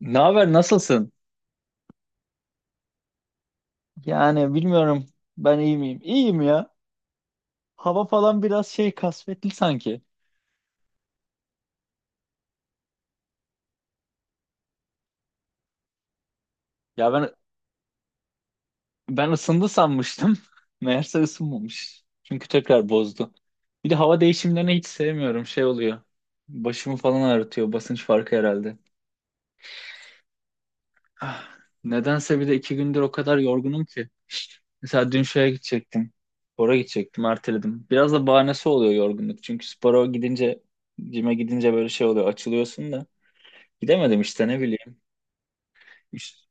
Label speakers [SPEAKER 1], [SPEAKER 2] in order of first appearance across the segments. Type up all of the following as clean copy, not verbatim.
[SPEAKER 1] Ne haber, nasılsın? Yani bilmiyorum, ben iyi miyim? İyiyim ya. Hava falan biraz şey kasvetli sanki. Ya ben ısındı sanmıştım. Meğerse ısınmamış. Çünkü tekrar bozdu. Bir de hava değişimlerini hiç sevmiyorum. Şey oluyor. Başımı falan ağrıtıyor. Basınç farkı herhalde. Ah, nedense bir de 2 gündür o kadar yorgunum ki. Mesela dün şeye gidecektim. Spora gidecektim, erteledim. Biraz da bahanesi oluyor yorgunluk. Çünkü spora gidince, cime gidince böyle şey oluyor. Açılıyorsun da. Gidemedim işte, ne bileyim. İşte,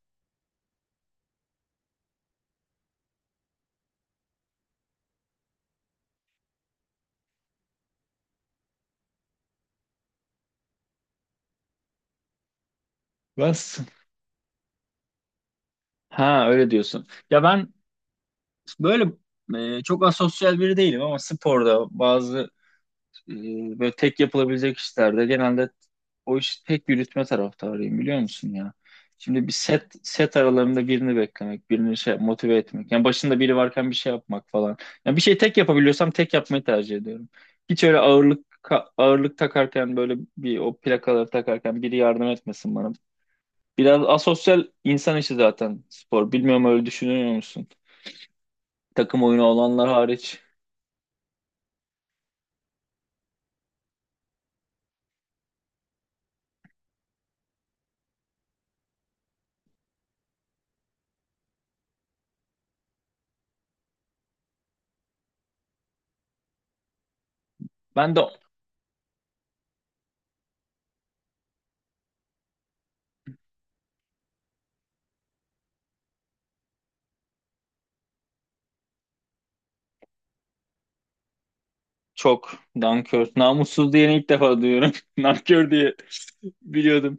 [SPEAKER 1] bas. Ha, öyle diyorsun. Ya ben böyle, çok asosyal biri değilim ama sporda bazı, e, böyle tek yapılabilecek işlerde genelde o işi tek yürütme taraftarıyım, biliyor musun ya? Şimdi bir set set aralarında birini beklemek, birini şey motive etmek. Yani başında biri varken bir şey yapmak falan. Yani bir şey tek yapabiliyorsam tek yapmayı tercih ediyorum. Hiç öyle ağırlık ağırlık takarken böyle bir o plakaları takarken biri yardım etmesin bana. Biraz asosyal insan işi zaten spor. Bilmiyorum, öyle düşünüyor musun? Takım oyunu olanlar hariç. Ben de çok nankör. Namussuz diyeni ilk defa duyuyorum. Nankör diye biliyordum.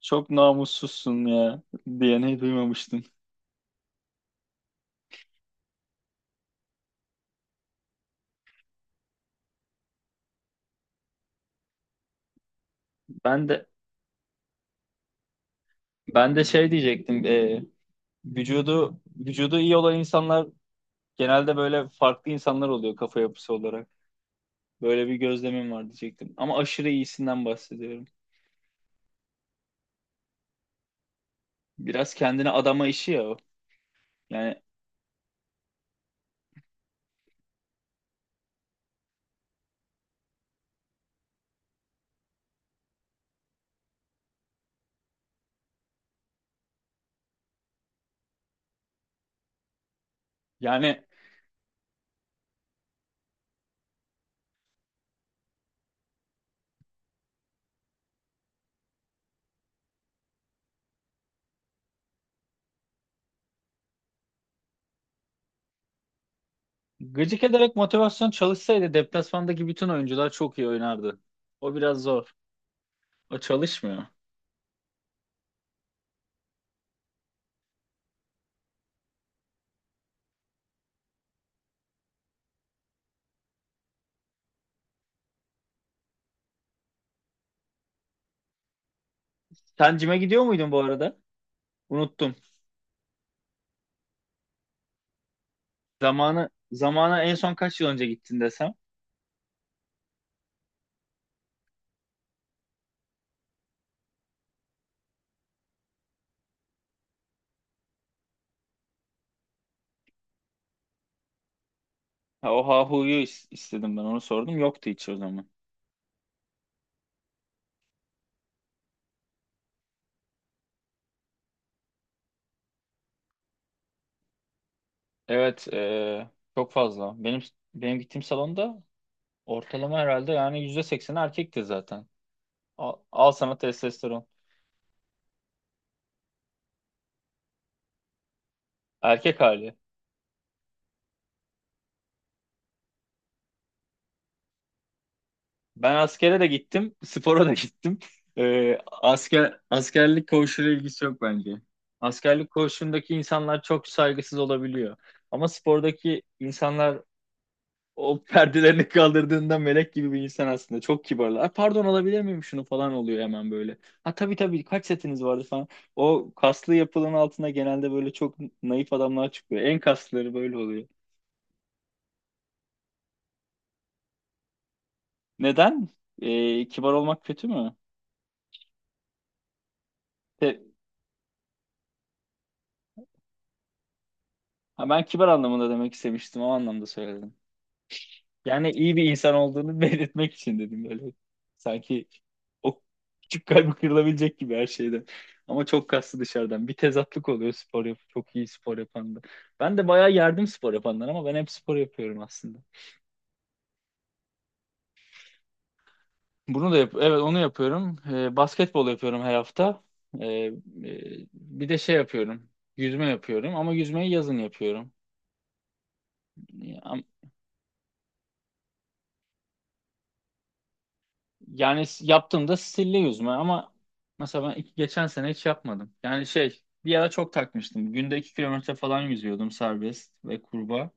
[SPEAKER 1] Çok namussuzsun ya diyeni duymamıştım. Ben de ben de şey diyecektim. Vücudu vücudu iyi olan insanlar genelde böyle farklı insanlar oluyor, kafa yapısı olarak. Böyle bir gözlemim var diyecektim. Ama aşırı iyisinden bahsediyorum. Biraz kendini adama işi ya o. Yani yani gıcık ederek motivasyon çalışsaydı deplasmandaki bütün oyuncular çok iyi oynardı. O biraz zor. O çalışmıyor. Sen cime gidiyor muydun bu arada? Unuttum. Zamanı zamana en son kaç yıl önce gittin desem. Ha, o Hahu'yu istedim, ben onu sordum. Yoktu hiç o zaman. Evet, çok fazla. Benim gittiğim salonda ortalama herhalde yani %80 erkekti zaten. Al, al sana testosteron. Erkek hali. Ben askere de gittim, spora da gittim. Askerlik koğuşuyla ilgisi yok bence. Askerlik koğuşundaki insanlar çok saygısız olabiliyor. Ama spordaki insanlar o perdelerini kaldırdığında melek gibi bir insan aslında. Çok kibarlar. "Ay, pardon, alabilir miyim şunu" falan oluyor hemen böyle. Ha, tabii tabii, kaç setiniz vardı falan. O kaslı yapılanın altına genelde böyle çok naif adamlar çıkıyor. En kaslıları böyle oluyor. Neden? Kibar olmak kötü mü? Ha, ben kibar anlamında demek istemiştim. O anlamda söyledim. Yani iyi bir insan olduğunu belirtmek için dedim böyle. Sanki o küçük kalbi kırılabilecek gibi her şeyden. Ama çok kaslı dışarıdan. Bir tezatlık oluyor spor yap, çok iyi spor yapanda. Ben de bayağı yerdim spor yapanlar, ama ben hep spor yapıyorum aslında. Bunu da yap, evet, onu yapıyorum. Basketbol yapıyorum her hafta. E, bir de şey yapıyorum. Yüzme yapıyorum, ama yüzmeyi yazın yapıyorum. Yani yaptığımda stilli yüzme, ama mesela ben iki, geçen sene hiç yapmadım. Yani şey, bir ara çok takmıştım. Günde 2 kilometre falan yüzüyordum, serbest ve kurbağa.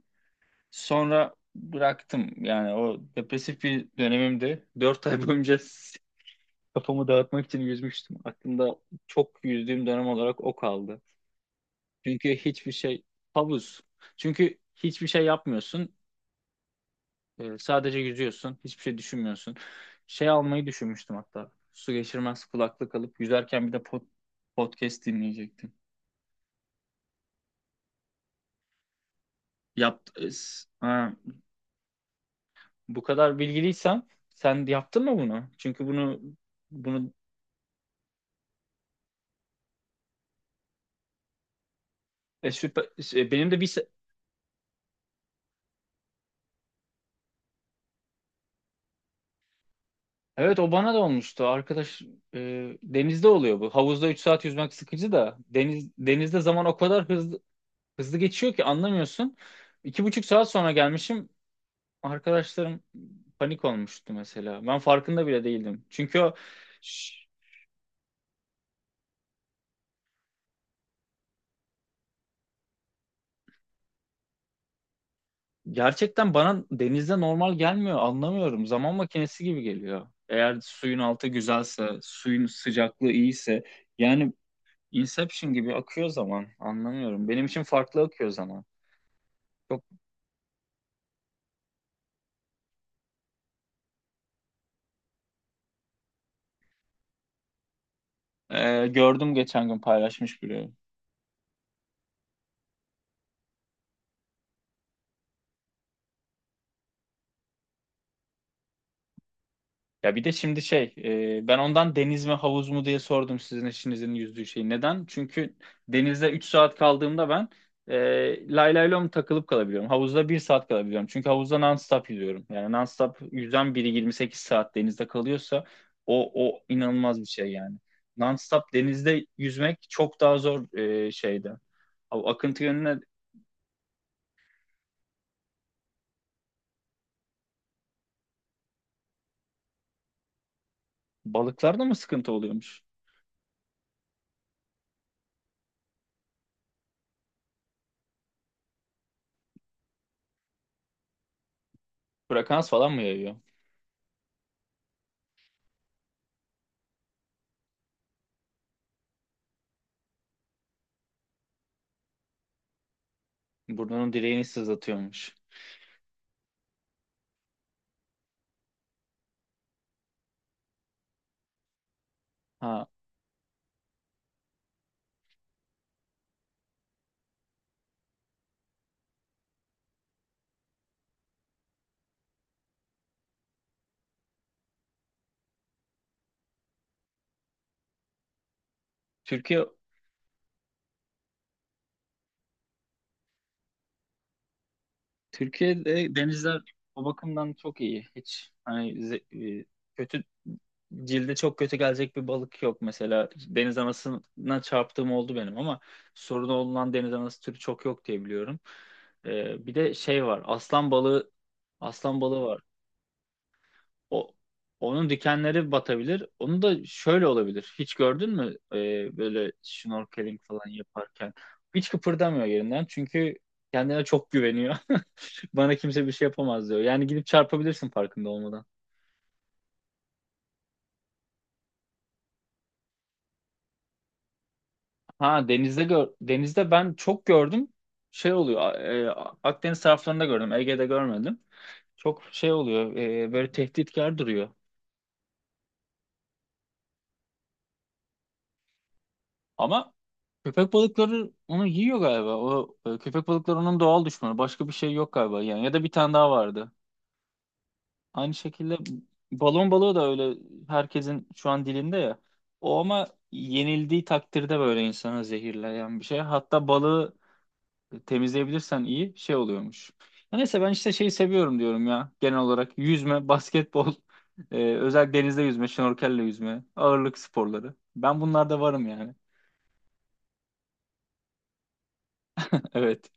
[SPEAKER 1] Sonra bıraktım. Yani o depresif bir dönemimde 4 ay boyunca kafamı dağıtmak için yüzmüştüm. Aklımda çok yüzdüğüm dönem olarak o kaldı. Çünkü hiçbir şey, havuz. Çünkü hiçbir şey yapmıyorsun. Sadece yüzüyorsun. Hiçbir şey düşünmüyorsun. Şey almayı düşünmüştüm hatta. Su geçirmez kulaklık alıp yüzerken bir de podcast dinleyecektim. Yap, ha, bu kadar bilgiliysen sen yaptın mı bunu? Çünkü bunu, süper, benim de bir evet, o bana da olmuştu. Arkadaş, denizde oluyor bu. Havuzda 3 saat yüzmek sıkıcı da denizde zaman o kadar hızlı hızlı geçiyor ki anlamıyorsun. 2,5 saat sonra gelmişim. Arkadaşlarım panik olmuştu mesela. Ben farkında bile değildim. Çünkü o ş- gerçekten bana denizde normal gelmiyor. Anlamıyorum. Zaman makinesi gibi geliyor. Eğer suyun altı güzelse, suyun sıcaklığı iyiyse, yani Inception gibi akıyor zaman. Anlamıyorum. Benim için farklı akıyor zaman. Çok, gördüm geçen gün paylaşmış biri. Ya, bir de şimdi şey, ben ondan deniz mi havuz mu diye sordum, sizin eşinizin yüzdüğü şeyi. Neden? Çünkü denizde 3 saat kaldığımda ben, lay lay lom takılıp kalabiliyorum. Havuzda 1 saat kalabiliyorum. Çünkü havuzda non-stop yüzüyorum. Yani non-stop yüzen biri 28 saat denizde kalıyorsa, o inanılmaz bir şey yani. Non-stop denizde yüzmek çok daha zor, şeyde. O akıntı yönüne, balıklarda mı sıkıntı oluyormuş? Frekans falan mı yayıyor? Burnunun direğini sızlatıyormuş. Ha. Türkiye Türkiye'de denizler o bakımdan çok iyi. Hiç, hani kötü, cilde çok kötü gelecek bir balık yok mesela. Deniz anasına çarptığım oldu benim, ama sorunu olan deniz anası türü çok yok diye biliyorum. Bir de şey var. Aslan balığı var. O onun dikenleri batabilir. Onu da şöyle olabilir. Hiç gördün mü? Böyle snorkeling falan yaparken hiç kıpırdamıyor yerinden, çünkü kendine çok güveniyor. Bana kimse bir şey yapamaz diyor. Yani gidip çarpabilirsin farkında olmadan. Ha, denizde gör, denizde ben çok gördüm. Şey oluyor. Akdeniz taraflarında gördüm. Ege'de görmedim. Çok şey oluyor. Böyle tehditkar duruyor. Ama köpek balıkları onu yiyor galiba. Köpek balıkları onun doğal düşmanı. Başka bir şey yok galiba. Yani ya da bir tane daha vardı. Aynı şekilde balon balığı da öyle, herkesin şu an dilinde ya. O ama yenildiği takdirde böyle insanı zehirleyen bir şey. Hatta balığı temizleyebilirsen iyi şey oluyormuş. Ya neyse, ben işte şeyi seviyorum diyorum ya, genel olarak yüzme, basketbol, özel denizde yüzme, şnorkelle yüzme, ağırlık sporları. Ben bunlarda varım yani. Evet.